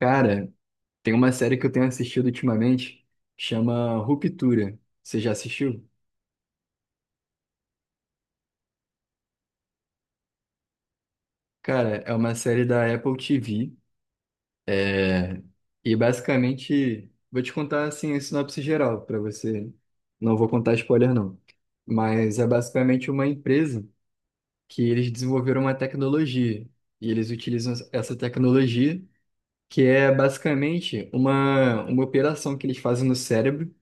Cara, tem uma série que eu tenho assistido ultimamente, chama Ruptura. Você já assistiu? Cara, é uma série da Apple TV. é, E basicamente, vou te contar assim a sinopse geral para você. Não vou contar spoiler não. Mas é basicamente uma empresa que eles desenvolveram uma tecnologia e eles utilizam essa tecnologia que é basicamente uma operação que eles fazem no cérebro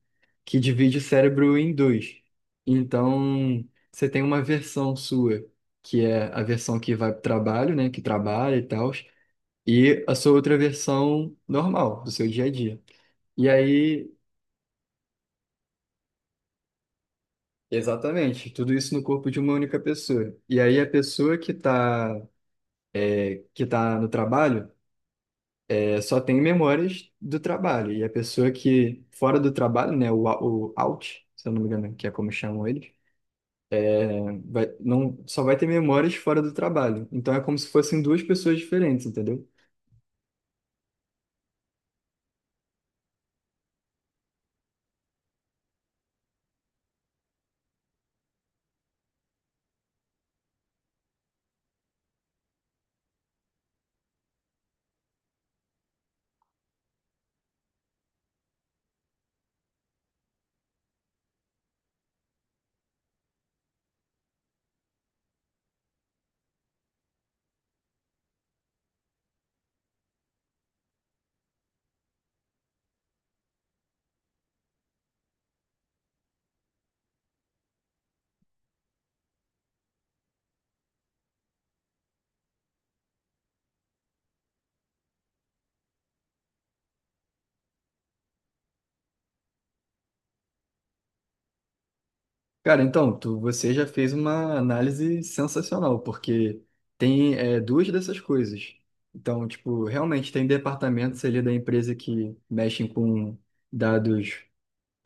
que divide o cérebro em dois. Então, você tem uma versão sua, que é a versão que vai para o trabalho, né, que trabalha e tal, e a sua outra versão normal, do seu dia a dia. E aí, exatamente, tudo isso no corpo de uma única pessoa. E aí, a pessoa que está que tá no trabalho só tem memórias do trabalho, e a pessoa que, fora do trabalho, né, se eu não me engano, que é como chamam eles. Vai, não, só vai ter memórias fora do trabalho. Então é como se fossem duas pessoas diferentes, entendeu? Cara, então, você já fez uma análise sensacional, porque tem duas dessas coisas. Então, tipo, realmente tem departamentos ali da empresa que mexem com dados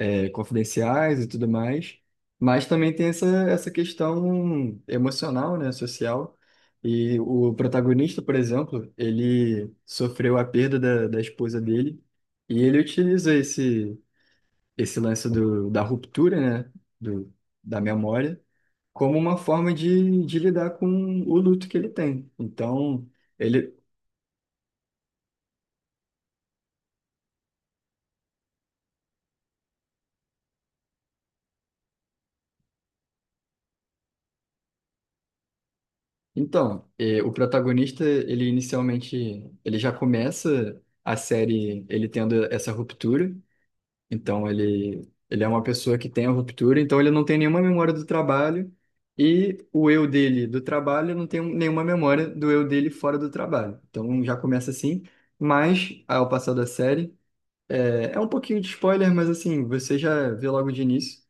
confidenciais e tudo mais, mas também tem essa questão emocional, né, social. E o protagonista, por exemplo, ele sofreu a perda da esposa dele e ele utiliza esse lance da ruptura, né, do, da memória, como uma forma de lidar com o luto que ele tem. Então, ele Então, o protagonista, ele inicialmente, ele já começa a série ele tendo essa ruptura. Então, ele é uma pessoa que tem a ruptura, então ele não tem nenhuma memória do trabalho e o eu dele do trabalho não tem nenhuma memória do eu dele fora do trabalho. Então, já começa assim, mas ao passar da série, é um pouquinho de spoiler, mas assim, você já vê logo de início,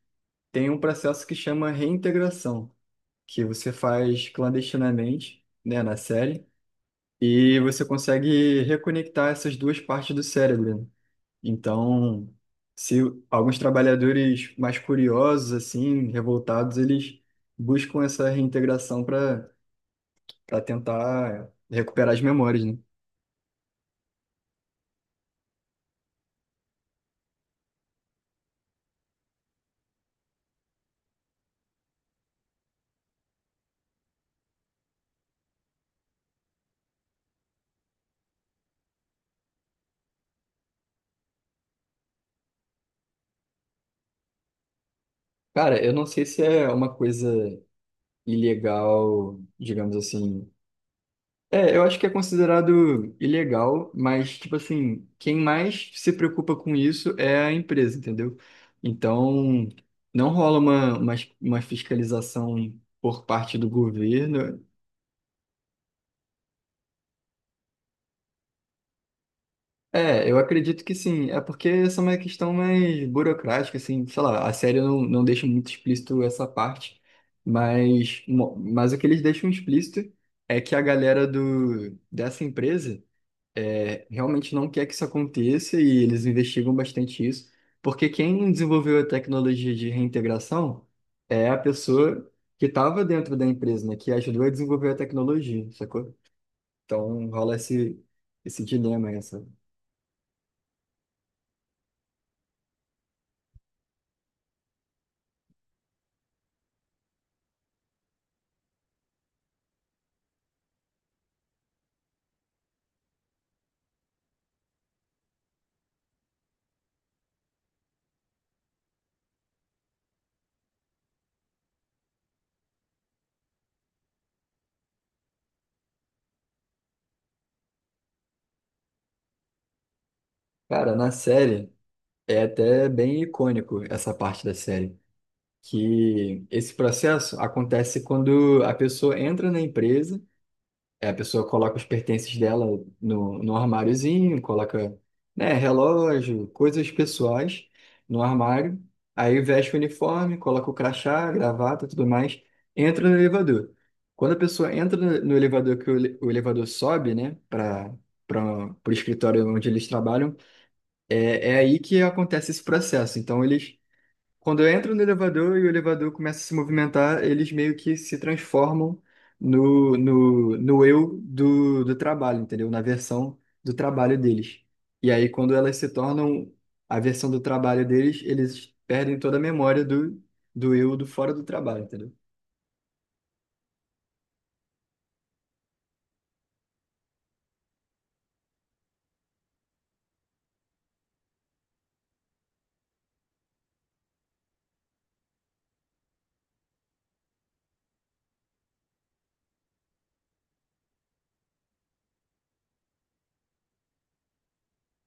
tem um processo que chama reintegração que você faz clandestinamente, né, na série, e você consegue reconectar essas duas partes do cérebro, né? Então, se alguns trabalhadores mais curiosos, assim, revoltados, eles buscam essa reintegração para tentar recuperar as memórias, né? Cara, eu não sei se é uma coisa ilegal, digamos assim. É, eu acho que é considerado ilegal, mas, tipo assim, quem mais se preocupa com isso é a empresa, entendeu? Então, não rola uma fiscalização por parte do governo. É, eu acredito que sim. É porque essa é uma questão mais burocrática, assim, sei lá, a série não deixa muito explícito essa parte, mas, mas o que eles deixam explícito é que a galera dessa empresa. É, realmente não quer que isso aconteça e eles investigam bastante isso, porque quem desenvolveu a tecnologia de reintegração é a pessoa que estava dentro da empresa, né, que ajudou a desenvolver a tecnologia, sacou? Então rola esse dilema, essa. Cara, na série é até bem icônico essa parte da série, que esse processo acontece quando a pessoa entra na empresa. É, a pessoa coloca os pertences dela no armáriozinho, coloca, né, relógio, coisas pessoais no armário, aí veste o uniforme, coloca o crachá, gravata, tudo mais, entra no elevador. Quando a pessoa entra no elevador, que o elevador sobe, né, para o escritório onde eles trabalham, é aí que acontece esse processo. Então, eles quando eu entro no elevador e o elevador começa a se movimentar, eles meio que se transformam no eu do trabalho, entendeu? Na versão do trabalho deles. E aí, quando elas se tornam a versão do trabalho deles, eles perdem toda a memória do eu do fora do trabalho, entendeu?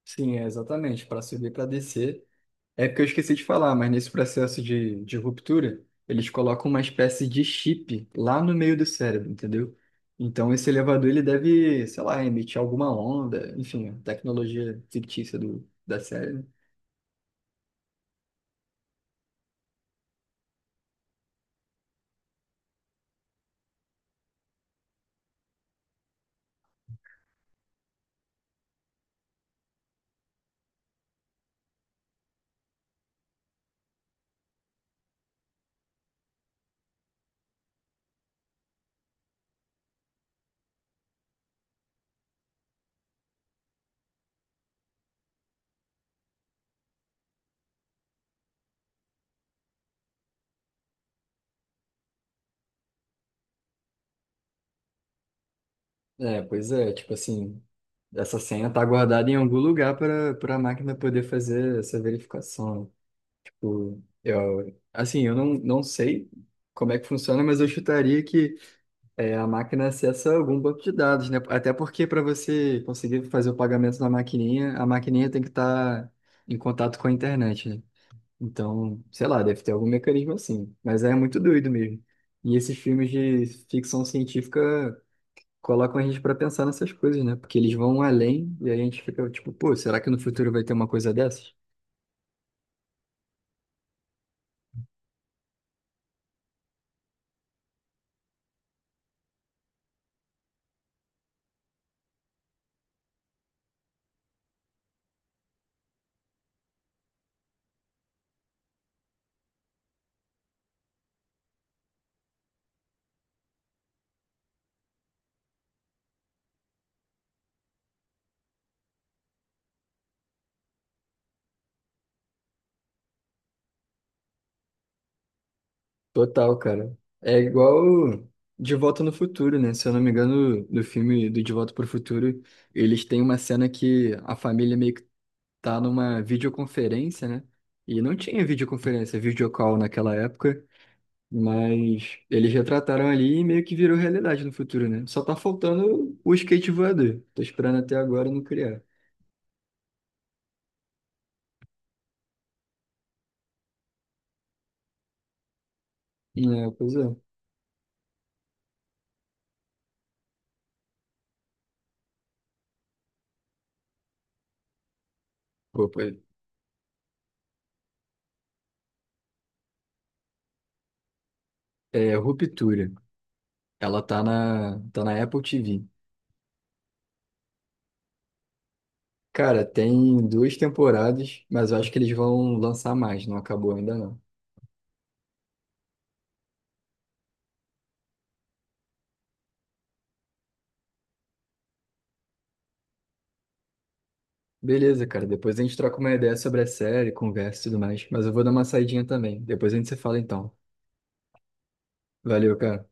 Sim, é exatamente. Para subir, para descer. É porque eu esqueci de falar, mas nesse processo de ruptura, eles colocam uma espécie de chip lá no meio do cérebro, entendeu? Então esse elevador ele deve, sei lá, emitir alguma onda, enfim, a tecnologia fictícia da série, né? É, pois é, tipo assim, essa senha tá guardada em algum lugar para a máquina poder fazer essa verificação. Tipo, eu, assim, eu não, não sei como é que funciona, mas eu chutaria que... É, a máquina acessa algum banco de dados, né? Até porque para você conseguir fazer o pagamento na maquininha, a maquininha tem que estar em contato com a internet, né? Então, sei lá, deve ter algum mecanismo assim. Mas é muito doido mesmo. E esses filmes de ficção científica colocam a gente para pensar nessas coisas, né? Porque eles vão além e aí a gente fica tipo, pô, será que no futuro vai ter uma coisa dessas? Total, cara. É igual De Volta no Futuro, né? Se eu não me engano, no filme do De Volta para o Futuro, eles têm uma cena que a família meio que tá numa videoconferência, né? E não tinha videoconferência, videocall naquela época, mas eles retrataram ali e meio que virou realidade no futuro, né? Só tá faltando o skate voador. Tô esperando até agora não criar. É, pois é. Pô, pô, é Ruptura. Ela tá na, tá na Apple TV. Cara, tem duas temporadas, mas eu acho que eles vão lançar mais, não acabou ainda não. Beleza, cara, depois a gente troca uma ideia sobre a série, conversa e tudo mais, mas eu vou dar uma saidinha também. Depois a gente se fala então. Valeu, cara.